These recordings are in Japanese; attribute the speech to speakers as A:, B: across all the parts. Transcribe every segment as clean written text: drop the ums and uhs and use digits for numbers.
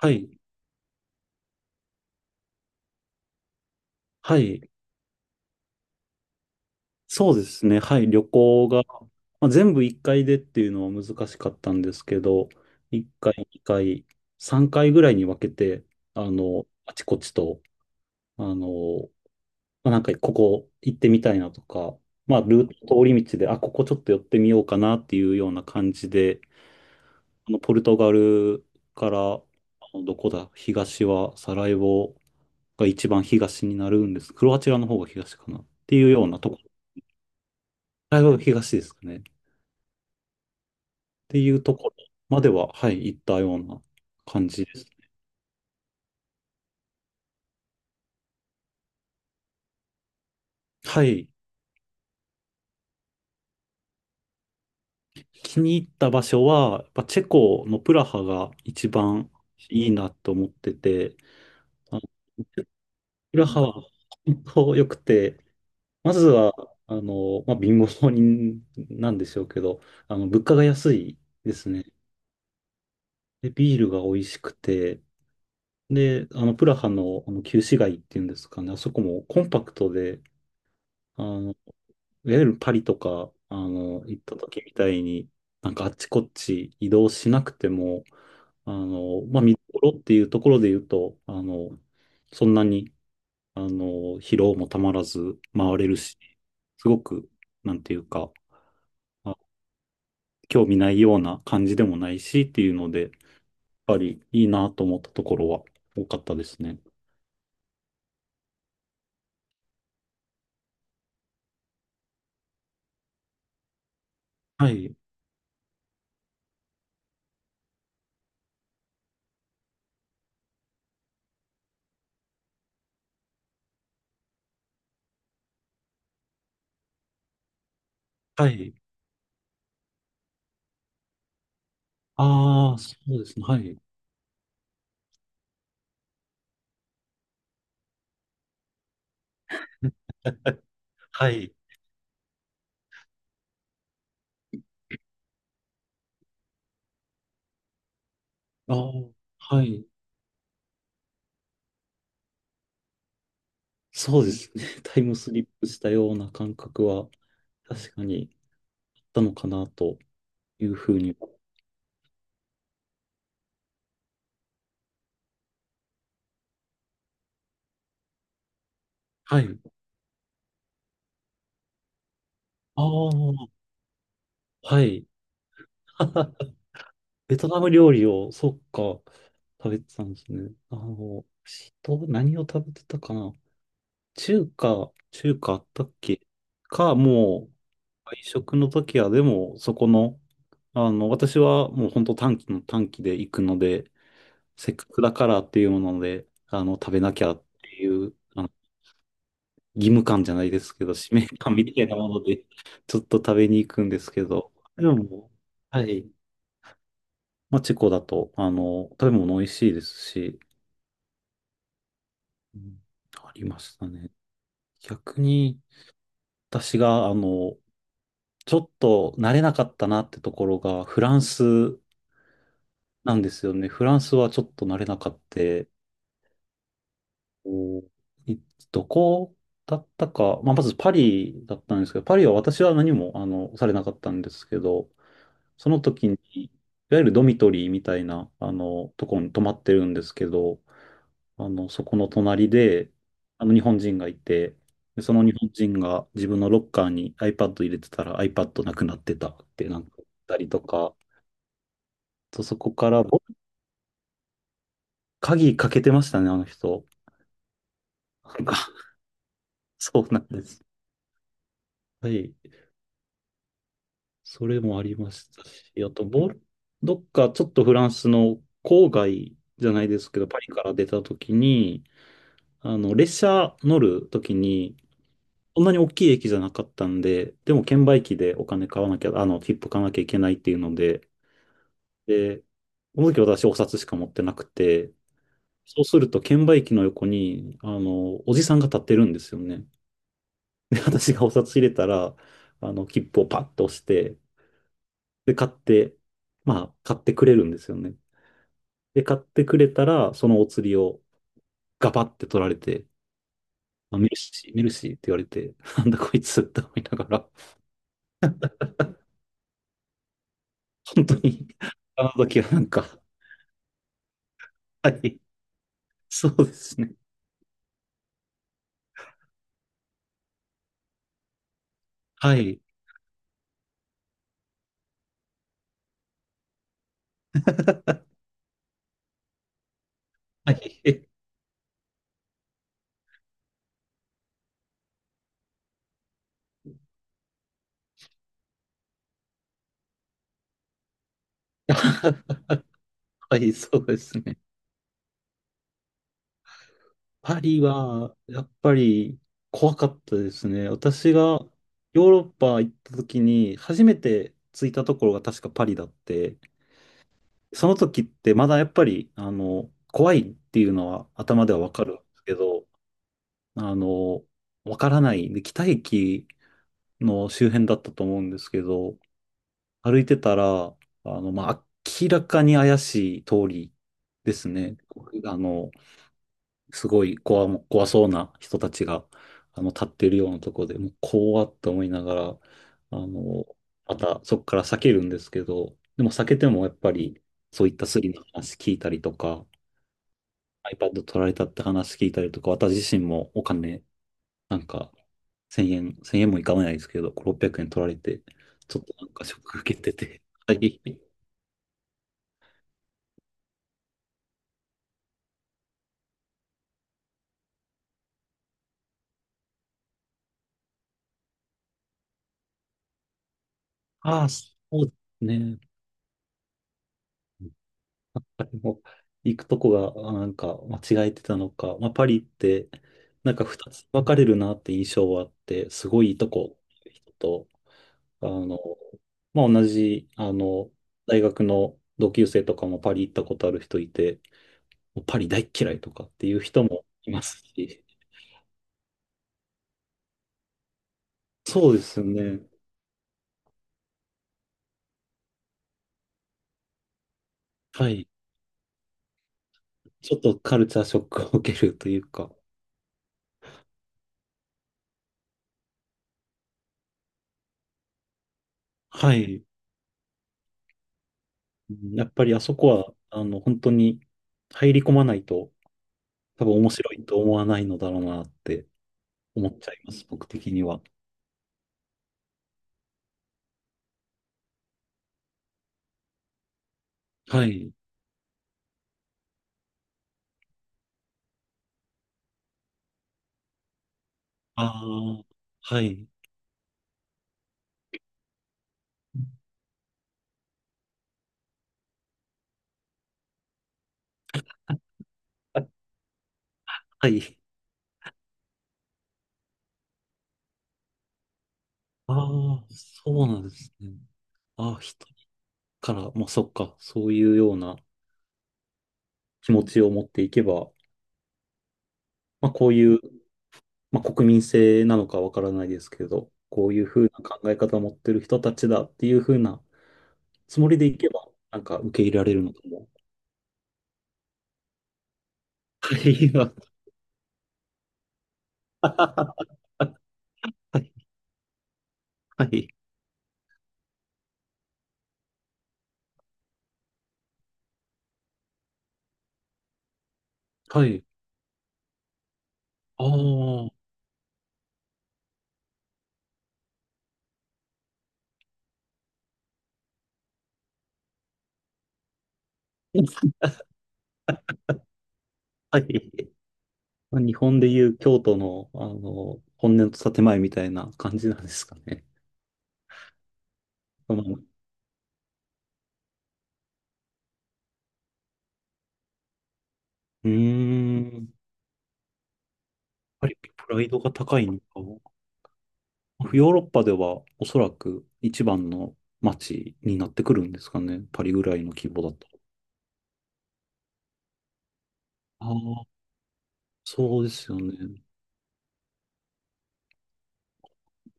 A: はい。はい。そうですね。はい。旅行が、まあ、全部1回でっていうのは難しかったんですけど、1回、2回、3回ぐらいに分けて、あちこちと、あの、まあ、なんかここ行ってみたいなとか、まあ、ルート、通り道で、あ、ここちょっと寄ってみようかなっていうような感じで、ポルトガルから、どこだ、東はサラエボが一番東になるんです。クロアチアの方が東かなっていうようなと大学東ですかね。っていうところまでは、はい、行ったような感じです。はい。気に入った場所は、やっぱチェコのプラハが一番いいなと思ってて、あのプラハは本当良くて、まずは、まあ、貧乏人なんでしょうけど、物価が安いですね。で、ビールが美味しくて、で、プラハの、旧市街っていうんですかね、あそこもコンパクトで、あの、いわゆるパリとか、行った時みたいに、なんかあっちこっち移動しなくても、まあ、見どころっていうところで言うと、そんなに、疲労もたまらず回れるし、すごく、なんていうか、あ興味ないような感じでもないしっていうので、やっぱりいいなと思ったところは多かったですね。はい、はい。ああ、そうですね。はい。はい。ああ、はい。そうですね。タイムスリップしたような感覚は確かにあったのかなというふうに。はい。ああ、はい。ベトナム料理を、そっか、食べてたんですね。人、何を食べてたかな。中華あったっけか、もう、外食の時は、でも、そこの、私はもう本当短期の短期で行くので、せっかくだからっていうもので、食べなきゃっていう、義務感じゃないですけど、使命感みたいなもので、ちょっと食べに行くんですけど、でも、はい。まあ、チェコだと、食べ物美味しいですし、うん、ありましたね。逆に、私が、ちょっと慣れなかったなってところが、フランスなんですよね。フランスはちょっと慣れなかった。おいどこだったか、まあ、まずパリだったんですけど、パリは私は何も、されなかったんですけど、その時に、いわゆるドミトリーみたいな、とこに泊まってるんですけど、そこの隣で、日本人がいて、でその日本人が自分のロッカーに iPad 入れてたら iPad なくなってたってなんか言ったりとか、とそこから、鍵かけてましたね、あの人。なんか、そうなんです。はい。それもありましたし、あと、どっかちょっとフランスの郊外じゃないですけど、パリから出た時に、列車乗るときに、そんなに大きい駅じゃなかったんで、でも券売機でお金買わなきゃ、切符買わなきゃいけないっていうので、で、この時私お札しか持ってなくて、そうすると券売機の横に、おじさんが立ってるんですよね。で、私がお札入れたら、切符をパッと押して、で、買って、まあ、買ってくれるんですよね。で、買ってくれたら、そのお釣りをガバって取られて、まあ、メルシー、メルシーって言われて、なんだこいつって思いながら。本当に、あの時はなんか、はい、そうですね。はい、はい、はい、そうですね。パリは、やっぱり怖かったですね。私がヨーロッパ行った時に、初めて着いたところが確かパリだって、その時ってまだやっぱり、怖いっていうのは頭ではわかるんですけど、あの、わからない。で、北駅の周辺だったと思うんですけど、歩いてたら、まあ、明らかに怪しい通りですね。あの、すごい怖、怖そうな人たちが、立ってるようなとこで、もう怖って思いながら、あの、またそこから避けるんですけど、でも避けてもやっぱり、そういったスリの話聞いたりとか、iPad 取られたって話聞いたりとか、私自身もお金、なんか、1000円、1円もいかないですけど、600円取られて、ちょっとなんかショック受けてて、はい。ああ、そうですね。なんかでも、行くとこが、なんか、間違えてたのか、まあ、パリって、なんか二つ分かれるなって印象はあって、すごいいいとこ、人と、あの、まあ、同じ、大学の同級生とかもパリ行ったことある人いて、もうパリ大っ嫌いとかっていう人もいますし、そうですね。はい。ちょっとカルチャーショックを受けるというか、はい。うん、やっぱりあそこは、本当に入り込まないと多分面白いと思わないのだろうなって思っちゃいます、僕的には。はい。ああ、はい。あ、はい。ああ、そうなんですね。ああ、人から、まあそっか、そういうような気持ちを持っていけば、まあこういう、まあ国民性なのかわからないですけど、こういうふうな考え方を持ってる人たちだっていうふうなつもりでいけば、なんか受け入れられるのかも。はい。はい、はい、はい。ああ、はい。まあ日本でいう京都の、本音と建前みたいな感じなんですかね。そのうやっぱりプライドが高いのかも。ヨーロッパではおそらく一番の街になってくるんですかね。パリぐらいの規模だと。ああ、そうですよね。と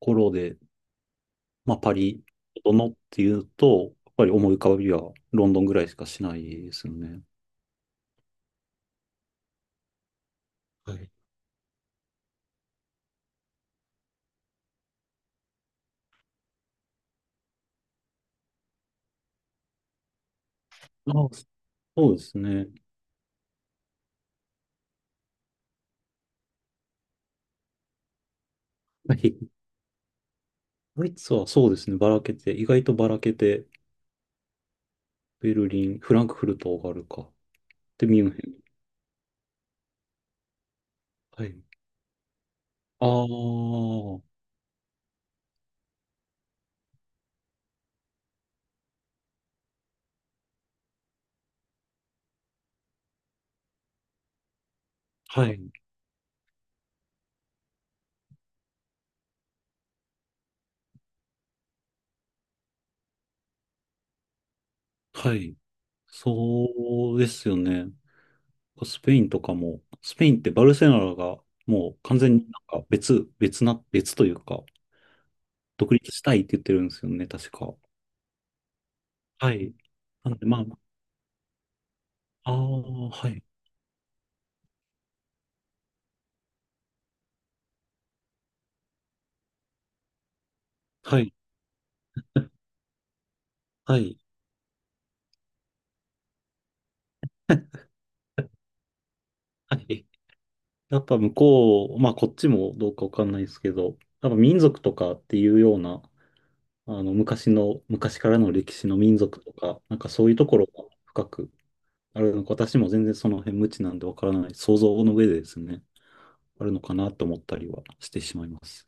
A: ころで、まあ、パリ、どのっていうと、やっぱり思い浮かびはロンドンぐらいしかしないですよね。はい。ああ、そうですね。はい。ドイツはそうですね。ばらけて、意外とばらけて、ベルリン、フランクフルトがあるか。で、ミュンヘン。はい。ああ、はい。はい。そうですよね。スペインとかも、スペインってバルセロナがもう完全になんか別というか、独立したいって言ってるんですよね、確か。はい。なんで、まあ、ああ、はい。はい。はい。はい。やっぱ向こう、まあこっちもどうかわかんないですけど、やっぱ民族とかっていうような、昔からの歴史の民族とか、なんかそういうところが深くあるのか、私も全然その辺無知なんでわからない、想像の上でですね、あるのかなと思ったりはしてしまいます。